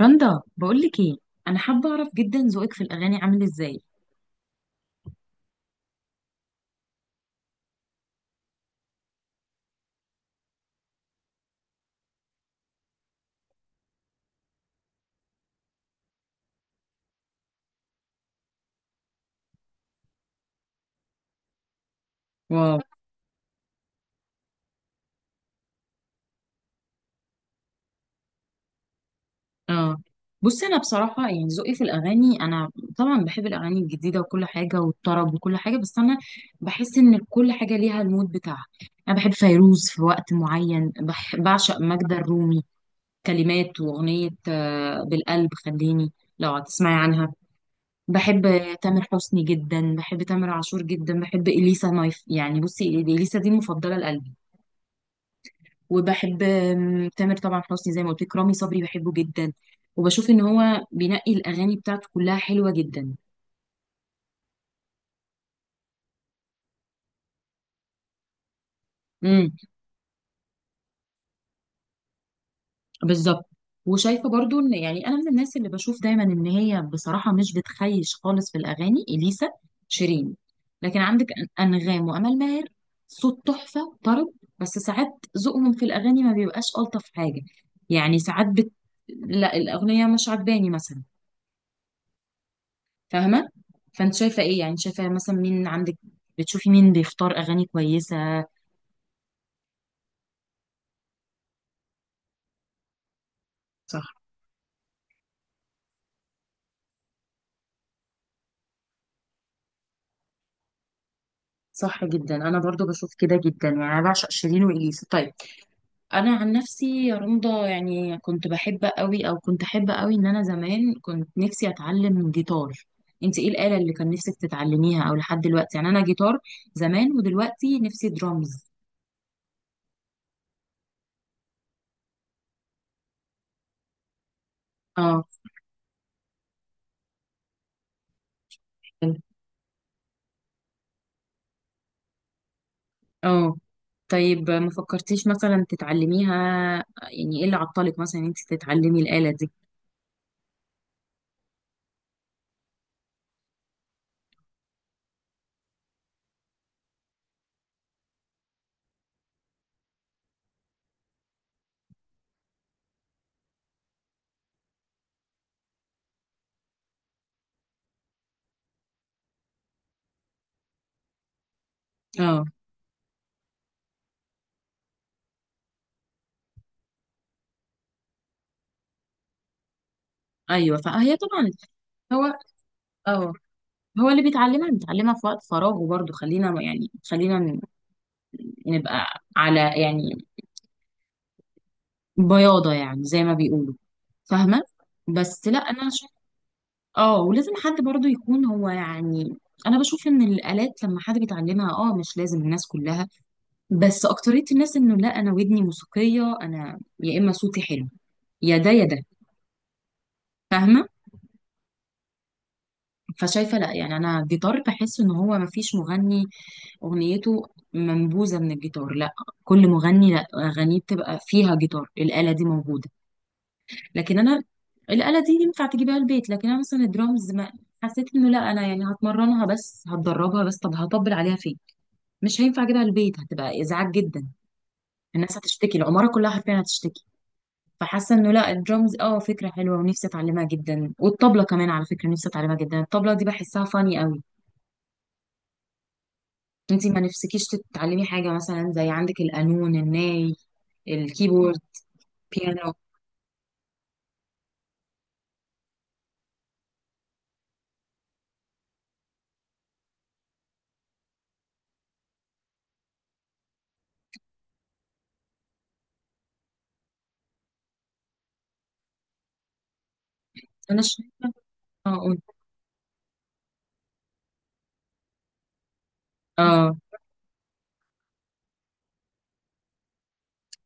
رندا، بقولك ايه؟ انا حابه اعرف جدا ذوقك في الاغاني عامل ازاي؟ واو. اه. بصي، انا بصراحه يعني ذوقي في الاغاني، انا طبعا بحب الاغاني الجديده وكل حاجه والطرب وكل حاجه، بس انا بحس ان كل حاجه ليها المود بتاعها. انا بحب فيروز في وقت معين، بعشق ماجدة الرومي. كلمات واغنيه بالقلب خليني، لو هتسمعي عنها. بحب تامر حسني جدا، بحب تامر عاشور جدا، بحب اليسا نايف. يعني بصي، اليسا دي مفضله لقلبي. وبحب تامر طبعا حسني زي ما قلت لك. رامي صبري بحبه جدا، وبشوف ان هو بينقي الاغاني بتاعته كلها حلوه جدا. امم. بالظبط. وشايفه برضو ان، يعني انا من الناس اللي بشوف دايما ان هي بصراحه مش بتخيش خالص في الاغاني، اليسا، شيرين. لكن عندك انغام وامال ماهر، صوت تحفه طرب. بس ساعات ذوقهم في الاغاني ما بيبقاش الطف حاجه، يعني ساعات لا، الاغنيه مش عجباني مثلا. فاهمة؟ فانت شايفة ايه؟ يعني شايفة مثلا مين عندك؟ بتشوفي مين بيختار اغاني كويسة؟ صح. صح جدا، انا برضو بشوف كده جدا، يعني انا بعشق شيرين واليسا. طيب. انا عن نفسي يا رندا، يعني كنت بحب قوي، او كنت احب قوي ان انا زمان كنت نفسي اتعلم جيتار. انت ايه الآلة اللي كان نفسك تتعلميها او لحد دلوقتي؟ يعني انا جيتار زمان، ودلوقتي نفسي درامز. اه، اه. طيب، ما فكرتيش مثلا تتعلميها؟ يعني ايه اللي عطلك مثلا إن انت تتعلمي الآلة دي؟ اه. ايوه، فهي طبعا. هو اه هو اللي بيتعلمها في وقت فراغه برضه، خلينا ما- يعني نبقى على، يعني بياضة يعني، زي ما بيقولوا. فاهمة؟ بس لا، انا شايف. اه، ولازم حد برضه يكون هو، يعني انا بشوف ان الآلات لما حد بيتعلمها، اه، مش لازم الناس كلها. بس أكترية الناس انه لا، انا ودني موسيقية، انا يا اما صوتي حلو، يا ده يا ده. فاهمة؟ فشايفة لا، يعني أنا الجيتار بحس إن هو مفيش مغني أغنيته منبوذة من الجيتار. لا، كل مغني، لا، أغانيه بتبقى فيها جيتار، الآلة دي موجودة. لكن أنا، الآلة دي ينفع تجيبها البيت، لكن أنا مثلا الدرامز ما حسيت إنه، لا، أنا يعني هتمرنها بس، هتدربها بس، طب هطبل عليها فين؟ مش هينفع أجيبها البيت، هتبقى إزعاج جدا. الناس هتشتكي، العمارة كلها حرفيا هتشتكي. فحاسه انه لا، الدرامز، اه، فكره حلوه ونفسي اتعلمها جدا، والطبله كمان على فكره نفسي اتعلمها جدا، الطبله دي بحسها فاني قوي. انتي ما نفسكيش تتعلمي حاجة مثلا زي عندك القانون، الناي، الكيبورد؟ بيانو. انا شايفة. اه، قولي. اه،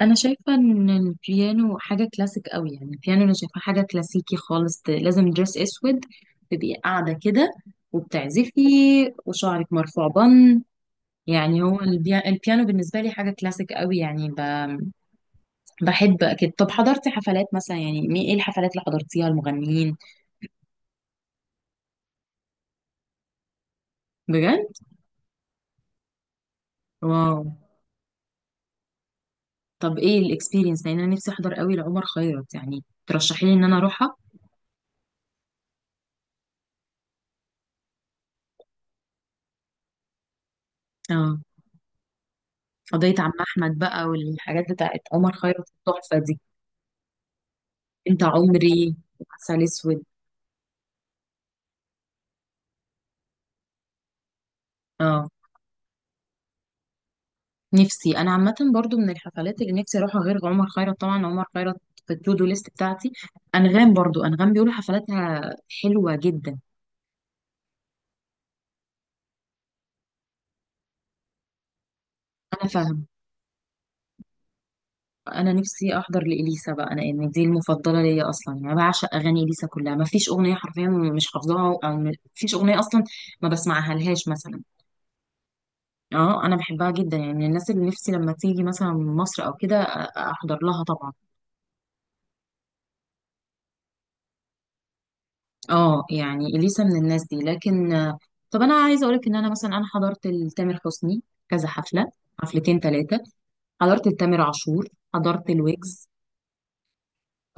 انا شايفة ان البيانو حاجة كلاسيك قوي، يعني البيانو انا شايفة حاجة كلاسيكي خالص، لازم دريس اسود، تبقي قاعدة كده وبتعزفي، وشعرك مرفوع بن. يعني هو البيانو بالنسبة لي حاجة كلاسيك قوي، يعني بحب أكيد. طب حضرتي حفلات مثلا، يعني إيه الحفلات اللي حضرتيها المغنيين؟ بجد؟ واو. طب ايه الاكسبيرينس؟ لان انا نفسي احضر قوي لعمر خيرت، يعني ترشحي لي ان انا اروحها. اه. قضية عم احمد بقى والحاجات بتاعت عمر خيرت، التحفة دي، انت عمري، عسل اسود. اه. نفسي انا عامة برضو من الحفلات اللي نفسي اروحها، غير عمر خيرت طبعا، عمر خيرت في التو دو ليست بتاعتي. انغام برضو، انغام بيقولوا حفلاتها حلوة جدا. انا فاهمة. انا نفسي احضر لاليسا بقى، انا يعني دي المفضله ليا اصلا، يعني بعشق اغاني اليسا كلها، ما فيش اغنيه حرفيا مش حافظاها، او ما فيش اغنيه اصلا ما بسمعها لهاش مثلا. اه، انا بحبها جدا، يعني من الناس اللي نفسي لما تيجي مثلا من مصر او كده احضر لها طبعا. اه، يعني اليسا من الناس دي، لكن طب انا عايزه اقولك ان انا مثلا انا حضرت لتامر حسني كذا حفله، حفلتين ثلاثه. حضرت لتامر عاشور، حضرت الويجز.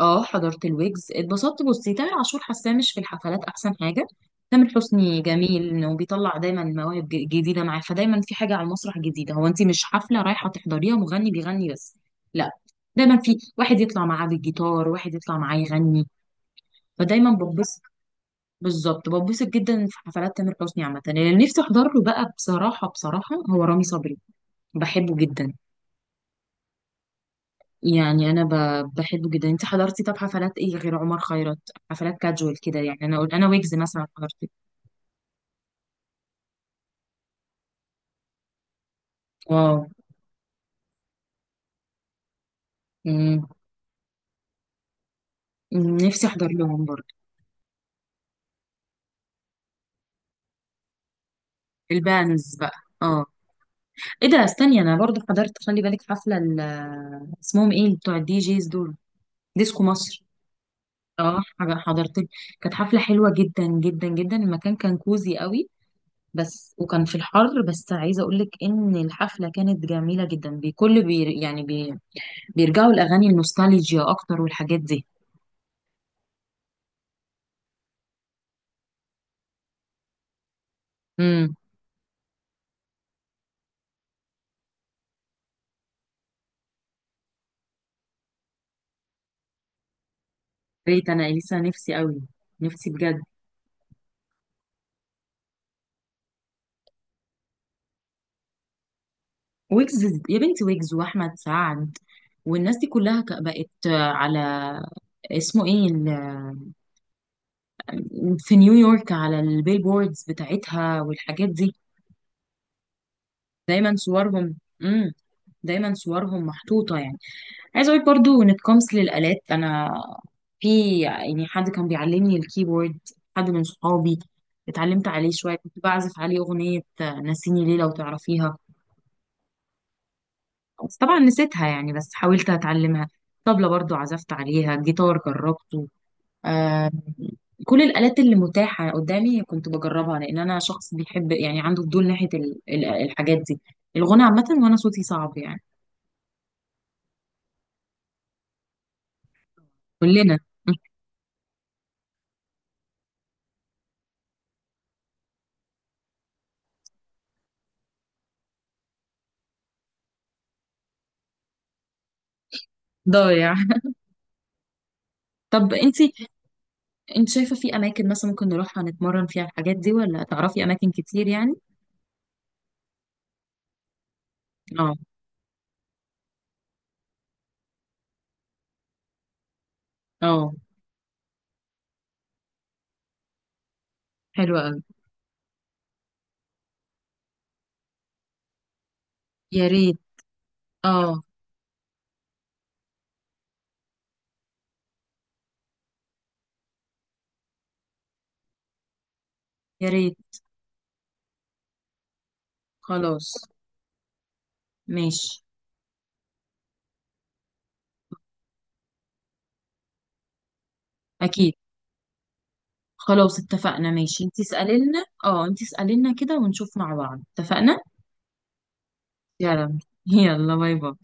اه، حضرت الويجز، اتبسطت. بصي، تامر عاشور حاساه مش في الحفلات احسن حاجه. تامر حسني جميل انه بيطلع دايما مواهب جديده معاه، فدايما في حاجه على المسرح جديده، هو انت مش حفله رايحه تحضريها مغني بيغني بس. لا، دايما في واحد يطلع معاه بالجيتار، واحد يطلع معاه يغني، فدايما ببسط. بالظبط، ببسط جدا في حفلات تامر حسني عامه. اللي نفسي احضر له بقى بصراحه، بصراحه هو رامي صبري، بحبه جدا. يعني انا بحبه جدا. انت حضرتي طب حفلات ايه غير عمر خيرت؟ حفلات كاجوال كده يعني، انا اقول انا ويجز مثلا حضرته. واو. مم. مم. نفسي احضر لهم برضه، البانز بقى. اه. ايه ده؟ استني، انا برضه حضرت، خلي بالك، حفله اسمهم ايه بتوع الدي جيز دول، ديسكو مصر. اه، حضرت. كانت حفله حلوه جدا جدا جدا، المكان كان كوزي قوي، بس وكان في الحر. بس عايزه اقول لك ان الحفله كانت جميله جدا بكل بي، يعني بيرجعوا الأغاني النوستالجيا أكتر والحاجات دي. امم. ريت أنا إليسا نفسي قوي، نفسي بجد. ويجز يا بنتي، ويجز وأحمد سعد والناس دي كلها بقت على، اسمه ايه في نيويورك على البيلبوردز بتاعتها والحاجات دي. دايما صورهم امم دايما صورهم محطوطة، يعني عايزه اقول برضو when it comes للآلات، انا في يعني حد كان بيعلمني الكيبورد، حد من صحابي، اتعلمت عليه شويه، كنت بعزف عليه اغنيه نسيني ليه، لو تعرفيها. بس طبعا نسيتها يعني، بس حاولت اتعلمها. طبلة برضو عزفت عليها، جيتار جربته. آه كل الآلات اللي متاحة قدامي كنت بجربها، لأن أنا شخص بيحب يعني عنده فضول ناحية الحاجات دي، الغنى عامة. وأنا صوتي صعب يعني. كلنا ضايع. طب انت شايفة في اماكن مثلا ممكن نروحها نتمرن فيها الحاجات دي، ولا تعرفي اماكن كتير يعني؟ اه، اه. حلوة قوي. يا ريت. اه، يا ريت. خلاص، ماشي. اكيد. خلاص اتفقنا ماشي، انت اسألي لنا كده، ونشوف مع بعض، اتفقنا؟ يلا، يلا باي باي.